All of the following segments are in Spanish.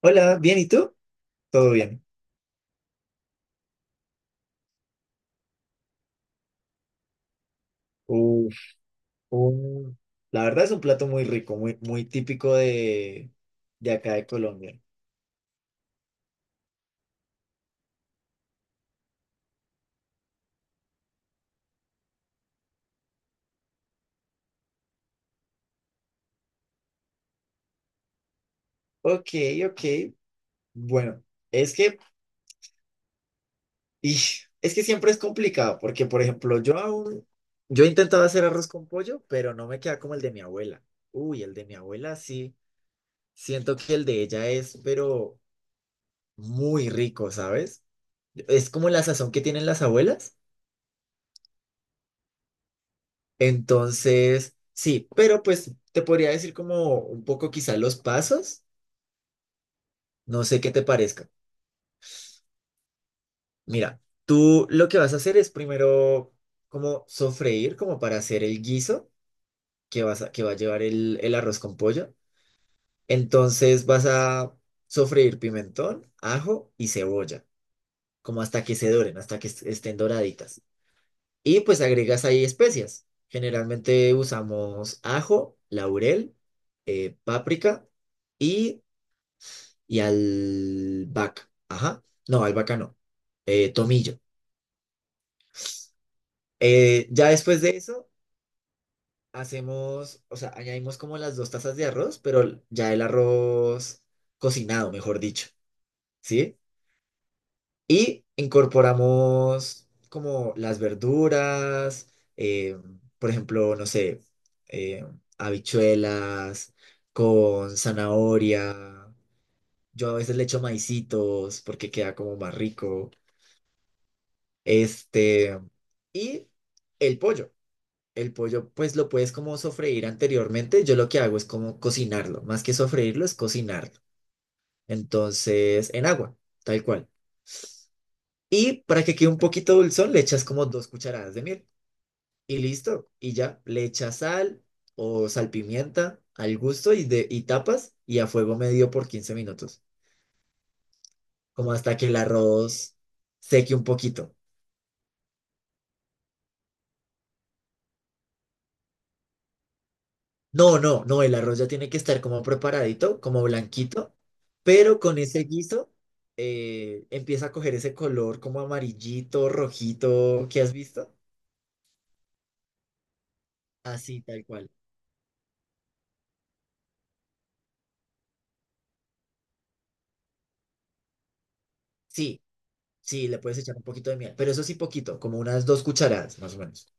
Hola, ¿bien y tú? Todo bien. Uf, un- la verdad es un plato muy rico, muy, muy típico de acá de Colombia. Ok, ok. Bueno, es que, es que siempre es complicado, porque por ejemplo, yo he intentado hacer arroz con pollo, pero no me queda como el de mi abuela. Uy, el de mi abuela sí. Siento que el de ella es, pero muy rico, ¿sabes? Es como la sazón que tienen las abuelas. Entonces, sí, pero pues te podría decir como un poco quizá los pasos, no sé qué te parezca. Mira, tú lo que vas a hacer es primero como sofreír, como para hacer el guiso que va a llevar el arroz con pollo. Entonces vas a sofreír pimentón, ajo y cebolla, como hasta que se doren, hasta que estén doraditas. Y pues agregas ahí especias. Generalmente usamos ajo, laurel, páprica. Y y al vaca. Ajá. No, al vaca no. Tomillo. Ya después de eso, hacemos, o sea, añadimos como las 2 tazas de arroz, pero ya el arroz cocinado, mejor dicho, ¿sí? Y incorporamos como las verduras, por ejemplo, no sé, eh, habichuelas con zanahoria. Yo a veces le echo maicitos porque queda como más rico. Este, y el pollo. El pollo, pues lo puedes como sofreír anteriormente. Yo lo que hago es como cocinarlo. Más que sofreírlo, es cocinarlo. Entonces, en agua, tal cual. Y para que quede un poquito dulzón, le echas como 2 cucharadas de miel. Y listo. Y ya, le echas sal o salpimienta al gusto y tapas y a fuego medio por 15 minutos. Como hasta que el arroz seque un poquito. No, no, no, el arroz ya tiene que estar como preparadito, como blanquito, pero con ese guiso empieza a coger ese color como amarillito, rojito, ¿qué has visto? Así, tal cual. Sí, sí, le puedes echar un poquito de miel, pero eso sí poquito, como unas 2 cucharadas, más o menos.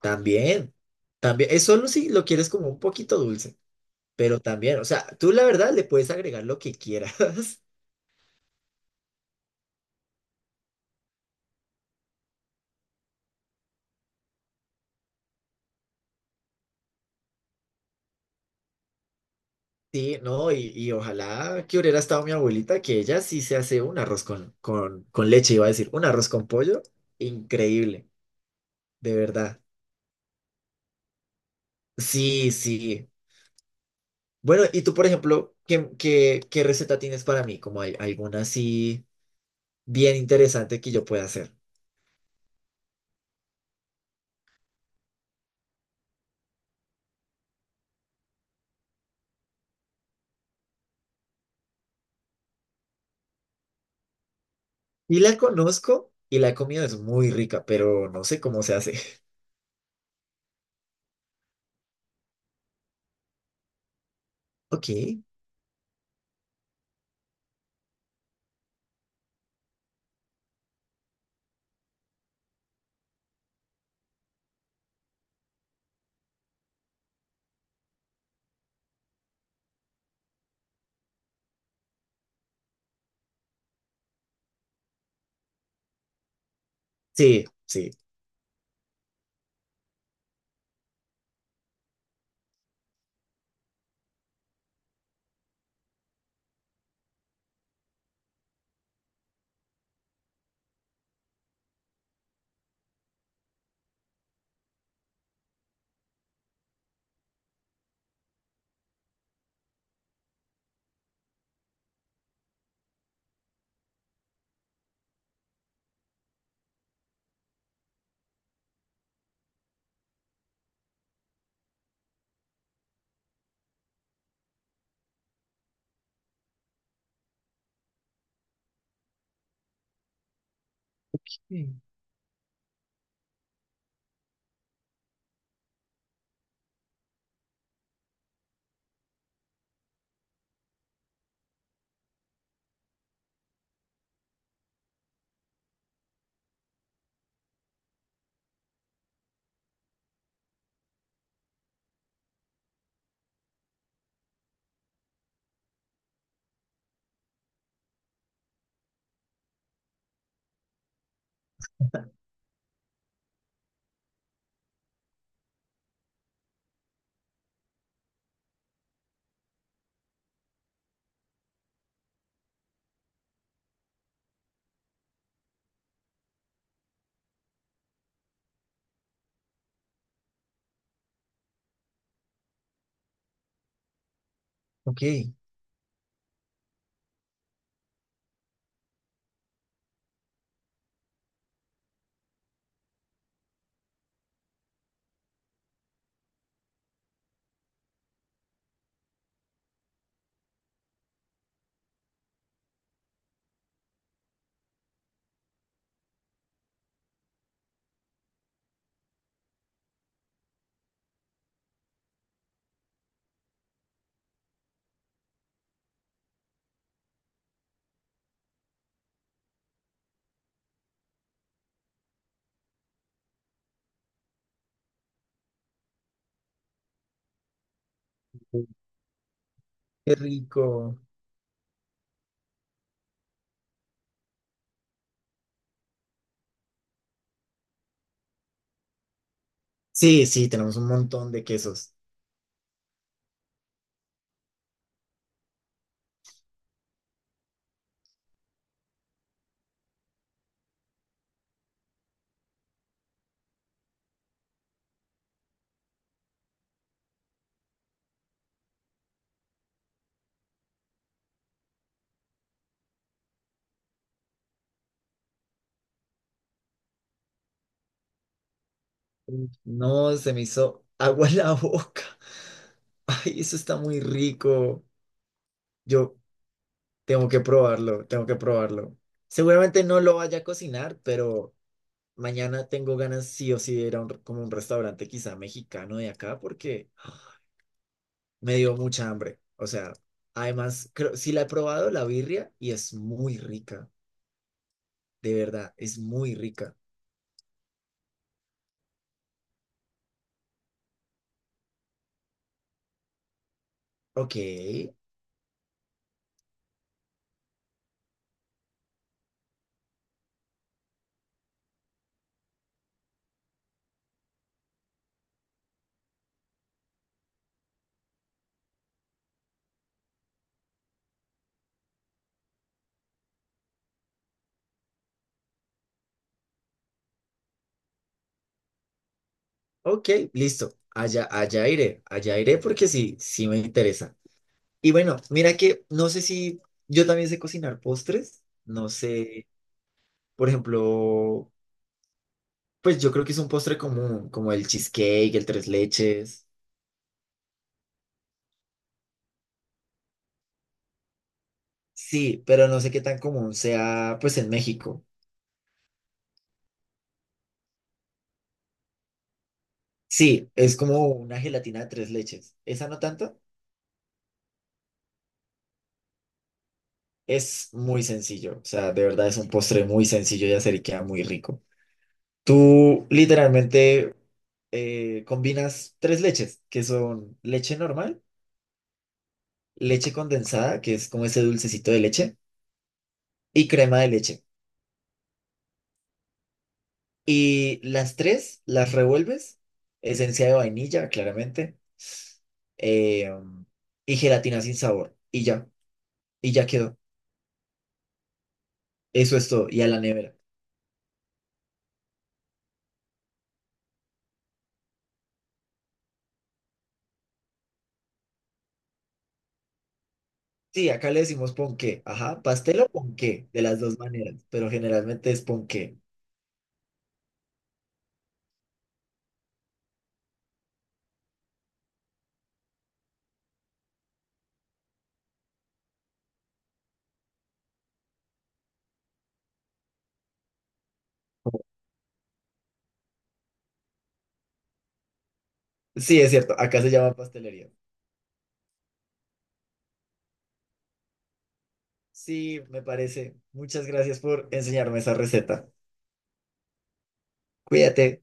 También, también, es solo si lo quieres como un poquito dulce, pero también, o sea, tú la verdad le puedes agregar lo que quieras. Sí, no, y ojalá que hubiera estado mi abuelita, que ella sí se hace un arroz con leche, iba a decir, un arroz con pollo, increíble, de verdad. Sí, sí. Bueno, y tú, por ejemplo, ¿qué receta tienes para mí? Como hay, alguna así bien interesante que yo pueda hacer. Y la conozco y la he comido, es muy rica, pero no sé cómo se hace. Ok, sí, sí. Sí. Ok, qué rico. Sí, sí, tenemos un montón de quesos. No, se me hizo agua en la boca. Ay, eso está muy rico. Yo tengo que probarlo, tengo que probarlo. Seguramente no lo vaya a cocinar, pero mañana tengo ganas sí o sí de ir a un, como un restaurante quizá mexicano de acá porque me dio mucha hambre. O sea, además, creo, sí la he probado, la birria, y es muy rica. De verdad, es muy rica. Ok, ok, listo. Allá, allá iré porque sí, sí me interesa. Y bueno, mira que no sé si yo también sé cocinar postres, no sé, por ejemplo, pues yo creo que es un postre común, como el cheesecake, el tres leches. Sí, pero no sé qué tan común sea, pues en México. Sí, es como una gelatina de tres leches. Esa no tanto, es muy sencillo, o sea, de verdad es un postre muy sencillo de hacer y queda muy rico. Tú literalmente combinas tres leches, que son leche normal, leche condensada, que es como ese dulcecito de leche, y crema de leche. Y las tres las revuelves, esencia de vainilla, claramente, eh, y gelatina sin sabor, y ya quedó. Eso es todo, y a la nevera. Sí, acá le decimos ponqué, ajá, pastel o ponqué, de las dos maneras, pero generalmente es ponqué. Sí, es cierto, acá se llama pastelería. Sí, me parece. Muchas gracias por enseñarme esa receta. Cuídate.